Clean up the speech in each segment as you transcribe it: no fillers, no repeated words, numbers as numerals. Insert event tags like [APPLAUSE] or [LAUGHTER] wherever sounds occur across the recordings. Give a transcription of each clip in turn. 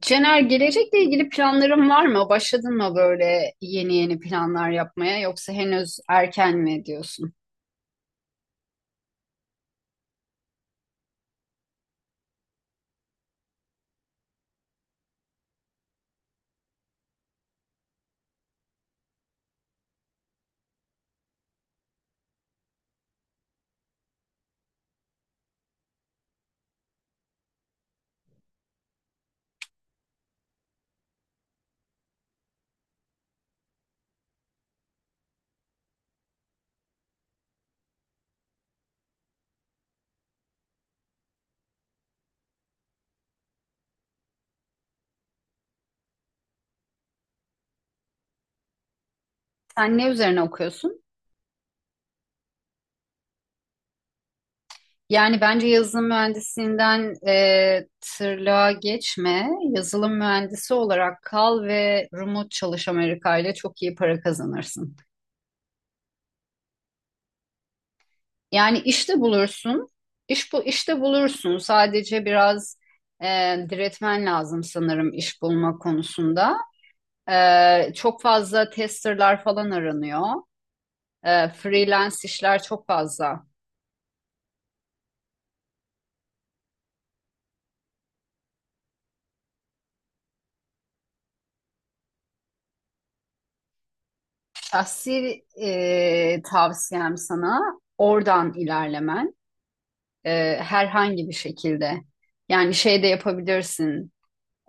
Cener, gelecekle ilgili planların var mı? Başladın mı böyle yeni yeni planlar yapmaya yoksa henüz erken mi diyorsun? Sen ne üzerine okuyorsun? Yani bence yazılım mühendisliğinden tırlığa geçme. Yazılım mühendisi olarak kal ve remote çalış Amerika ile çok iyi para kazanırsın. Yani işte bulursun. İş bu işte bulursun. Sadece biraz e, diretmen lazım sanırım iş bulma konusunda. Çok fazla testerlar falan aranıyor. Freelance işler çok fazla. Şahsi tavsiyem sana oradan ilerlemen, herhangi bir şekilde. Yani şey de yapabilirsin.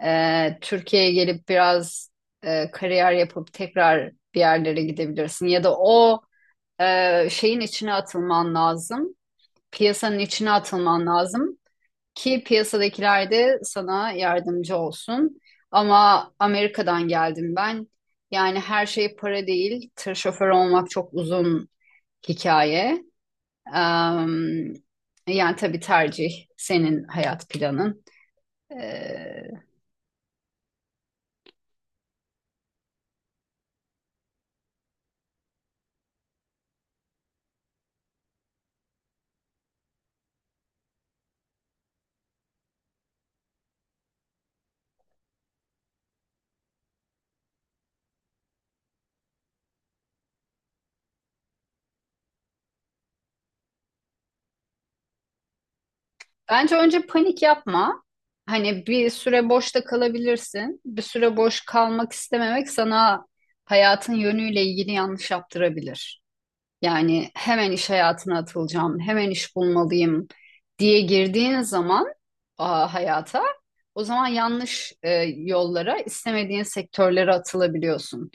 Türkiye'ye gelip biraz kariyer yapıp tekrar bir yerlere gidebilirsin. Ya da o şeyin içine atılman lazım. Piyasanın içine atılman lazım. Ki piyasadakiler de sana yardımcı olsun. Ama Amerika'dan geldim ben. Yani her şey para değil. Tır şoförü olmak çok uzun hikaye. Em, yani tabii tercih senin hayat planın. Ee, Bence önce panik yapma. Hani bir süre boşta kalabilirsin. Bir süre boş kalmak istememek sana hayatın yönüyle ilgili yanlış yaptırabilir. Yani hemen iş hayatına atılacağım, hemen iş bulmalıyım diye girdiğin zaman hayata, o zaman yanlış, yollara, istemediğin sektörlere atılabiliyorsun.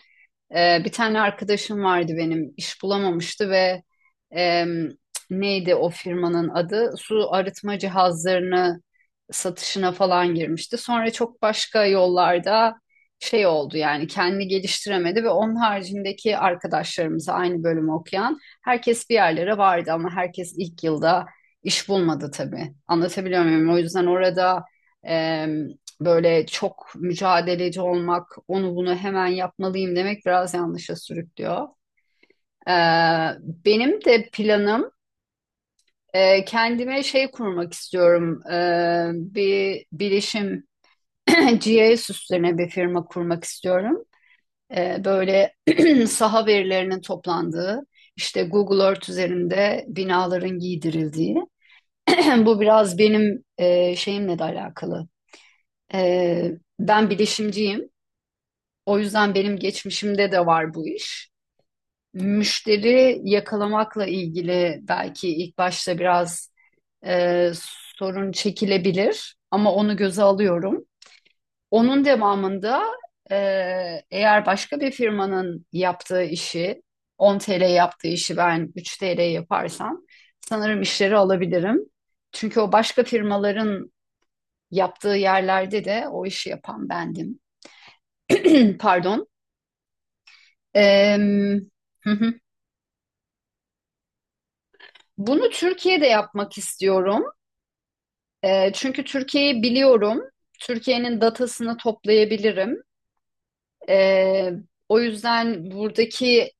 Bir tane arkadaşım vardı benim iş bulamamıştı ve em, neydi o firmanın adı? Su arıtma cihazlarını satışına falan girmişti. Sonra çok başka yollarda şey oldu yani kendini geliştiremedi ve onun haricindeki arkadaşlarımız aynı bölümü okuyan herkes bir yerlere vardı ama herkes ilk yılda iş bulmadı tabii. Anlatabiliyor muyum? O yüzden orada e, böyle çok mücadeleci olmak, onu bunu hemen yapmalıyım demek biraz yanlışa sürüklüyor. Ee, Benim de planım, kendime şey kurmak istiyorum. Bir bilişim [CLEARS THROAT] GIS üstüne bir firma kurmak istiyorum. Böyle [CLEARS THROAT] saha verilerinin toplandığı, işte Google Earth üzerinde binaların giydirildiği. [CLEARS THROAT] Bu biraz benim şeyimle de alakalı. Ee, Ben bilişimciyim. O yüzden benim geçmişimde de var bu iş. Müşteri yakalamakla ilgili belki ilk başta biraz e, sorun çekilebilir ama onu göze alıyorum. Onun devamında e, eğer başka bir firmanın yaptığı işi 10 TL yaptığı işi ben 3 TL yaparsam sanırım işleri alabilirim. Çünkü o başka firmaların yaptığı yerlerde de o işi yapan bendim. [CLEARS THROAT] Pardon. Em, [LAUGHS] Bunu Türkiye'de yapmak istiyorum. Çünkü Türkiye'yi biliyorum. Türkiye'nin datasını toplayabilirim. Ee, O yüzden buradaki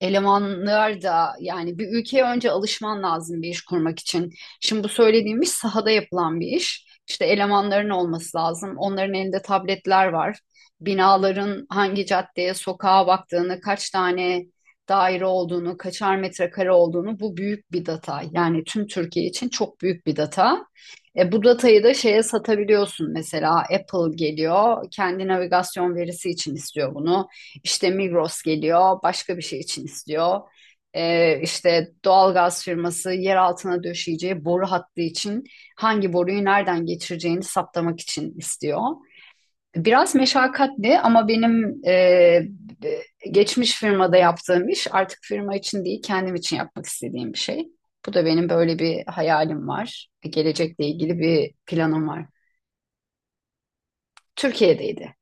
elemanlar da yani bir ülkeye önce alışman lazım bir iş kurmak için. Şimdi bu söylediğim iş sahada yapılan bir iş. İşte elemanların olması lazım. Onların elinde tabletler var. Binaların hangi caddeye, sokağa baktığını, kaç tane daire olduğunu, kaçar metrekare olduğunu bu büyük bir data. Yani tüm Türkiye için çok büyük bir data. E, bu datayı da şeye satabiliyorsun mesela Apple geliyor kendi navigasyon verisi için istiyor bunu. İşte Migros geliyor, başka bir şey için istiyor. İşte doğalgaz firması yer altına döşeyeceği boru hattı için hangi boruyu nereden geçireceğini saptamak için istiyor. Biraz meşakkatli ama benim, geçmiş firmada yaptığım iş artık firma için değil kendim için yapmak istediğim bir şey. Bu da benim böyle bir hayalim var. Gelecekle ilgili bir planım var. Türkiye'deydi.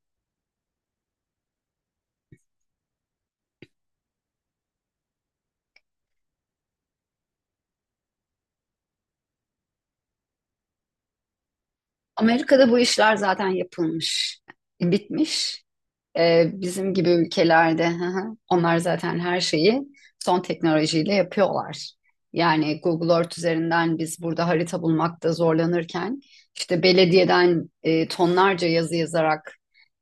Amerika'da bu işler zaten yapılmış, bitmiş. Bizim gibi ülkelerde hı hı. Onlar zaten her şeyi son teknolojiyle yapıyorlar. Yani Google Earth üzerinden biz burada harita bulmakta zorlanırken işte belediyeden tonlarca yazı yazarak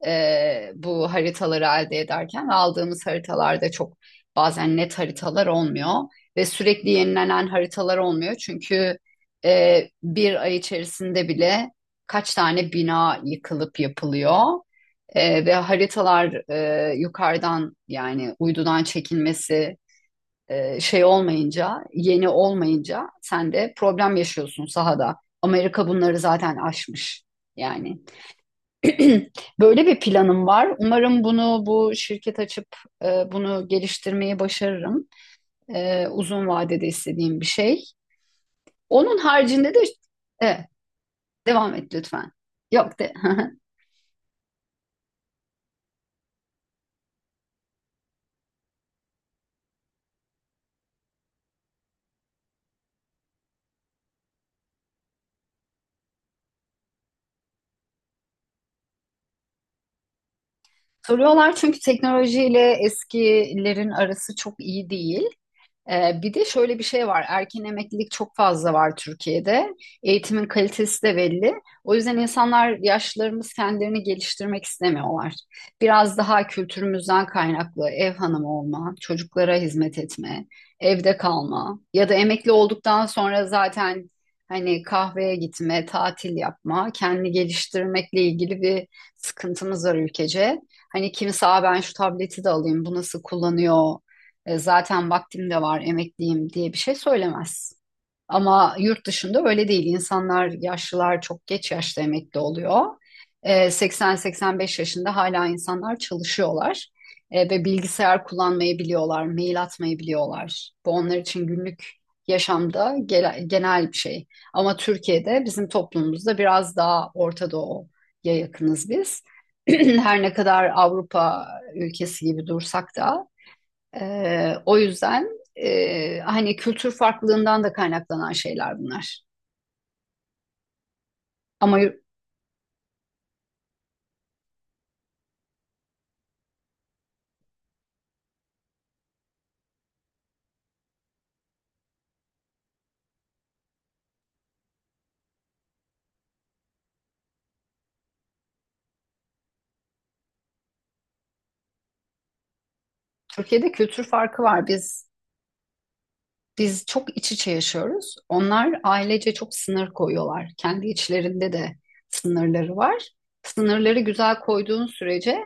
e, bu haritaları elde ederken aldığımız haritalarda çok bazen net haritalar olmuyor ve sürekli yenilenen haritalar olmuyor. Çünkü bir ay içerisinde bile kaç tane bina yıkılıp yapılıyor. Ve haritalar, yukarıdan yani uydudan çekilmesi, şey olmayınca, yeni olmayınca sen de problem yaşıyorsun sahada. Amerika bunları zaten aşmış yani. [CLEARS THROAT] Böyle bir planım var. Umarım bunu bu şirket açıp bunu geliştirmeyi başarırım. E, uzun vadede istediğim bir şey. Onun haricinde de e, devam et lütfen. Yok de. [LAUGHS] Soruyorlar çünkü teknolojiyle eskilerin arası çok iyi değil. Bir de şöyle bir şey var. Erken emeklilik çok fazla var Türkiye'de. Eğitimin kalitesi de belli. O yüzden insanlar yaşlılarımız kendilerini geliştirmek istemiyorlar. Biraz daha kültürümüzden kaynaklı ev hanımı olma, çocuklara hizmet etme, evde kalma ya da emekli olduktan sonra zaten hani kahveye gitme, tatil yapma, kendini geliştirmekle ilgili bir sıkıntımız var ülkece. Hani kimse "Aa, ben şu tableti de alayım, bu nasıl kullanıyor? Zaten vaktim de var, emekliyim diye bir şey söylemez. Ama yurt dışında öyle değil. İnsanlar, yaşlılar çok geç yaşta emekli oluyor. E, 80-85 yaşında hala insanlar çalışıyorlar. E, ve bilgisayar kullanmayı biliyorlar, mail atmayı biliyorlar. Bu onlar için günlük yaşamda genel bir şey. Ama Türkiye'de bizim toplumumuzda biraz daha Orta Doğu'ya yakınız biz. [CLEARS THROAT] Her ne kadar Avrupa ülkesi gibi dursak da o yüzden, hani kültür farklılığından da kaynaklanan şeyler bunlar. Ama Türkiye'de kültür farkı var. Biz çok iç içe yaşıyoruz. Onlar ailece çok sınır koyuyorlar. Kendi içlerinde de sınırları var. Sınırları güzel koyduğun sürece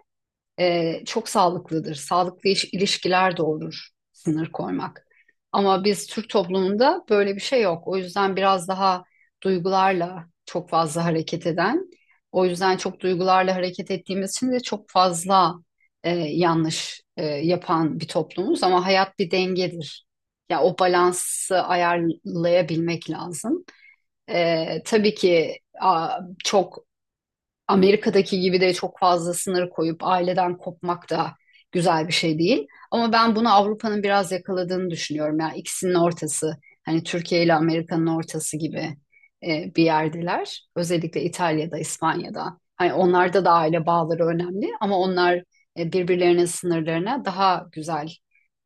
e, çok sağlıklıdır. Sağlıklı ilişkiler doğurur sınır koymak. Ama biz Türk toplumunda böyle bir şey yok. O yüzden biraz daha duygularla çok fazla hareket eden, o yüzden çok duygularla hareket ettiğimiz için de çok fazla, yanlış, yapan bir toplumuz. Ama hayat bir dengedir. Ya o balansı ayarlayabilmek lazım. E, tabii ki, çok Amerika'daki gibi de çok fazla sınır koyup aileden kopmak da güzel bir şey değil. Ama ben bunu Avrupa'nın biraz yakaladığını düşünüyorum. Yani ikisinin ortası, hani Türkiye ile Amerika'nın ortası gibi, bir yerdeler. Özellikle İtalya'da, İspanya'da. Hani onlarda da aile bağları önemli ama onlar birbirlerinin sınırlarına daha güzel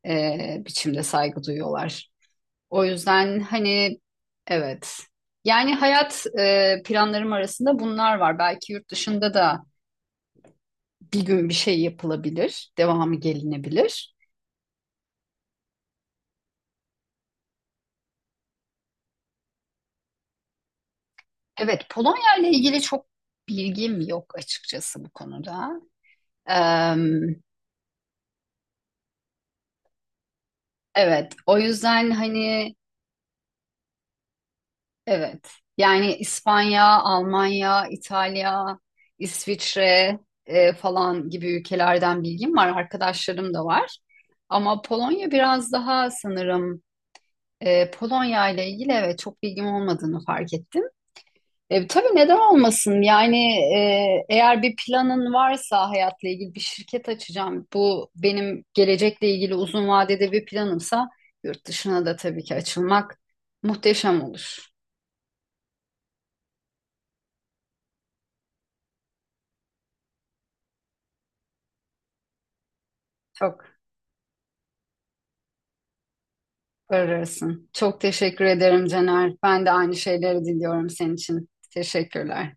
biçimde saygı duyuyorlar. O yüzden hani evet. Yani hayat, planlarım arasında bunlar var. Belki yurt dışında da bir gün bir şey yapılabilir, devamı gelinebilir. Evet, Polonya ile ilgili çok bilgim yok açıkçası bu konuda. Em, evet, o yüzden hani evet. Yani İspanya, Almanya, İtalya, İsviçre falan gibi ülkelerden bilgim var. Arkadaşlarım da var. Ama Polonya biraz daha sanırım E, Polonya ile ilgili evet çok bilgim olmadığını fark ettim. E, tabii neden olmasın? Yani eğer bir planın varsa hayatla ilgili bir şirket açacağım. Bu benim gelecekle ilgili uzun vadede bir planımsa yurt dışına da tabii ki açılmak muhteşem olur. Çok ararısın. Çok teşekkür ederim Caner. Ben de aynı şeyleri diliyorum senin için. Teşekkürler.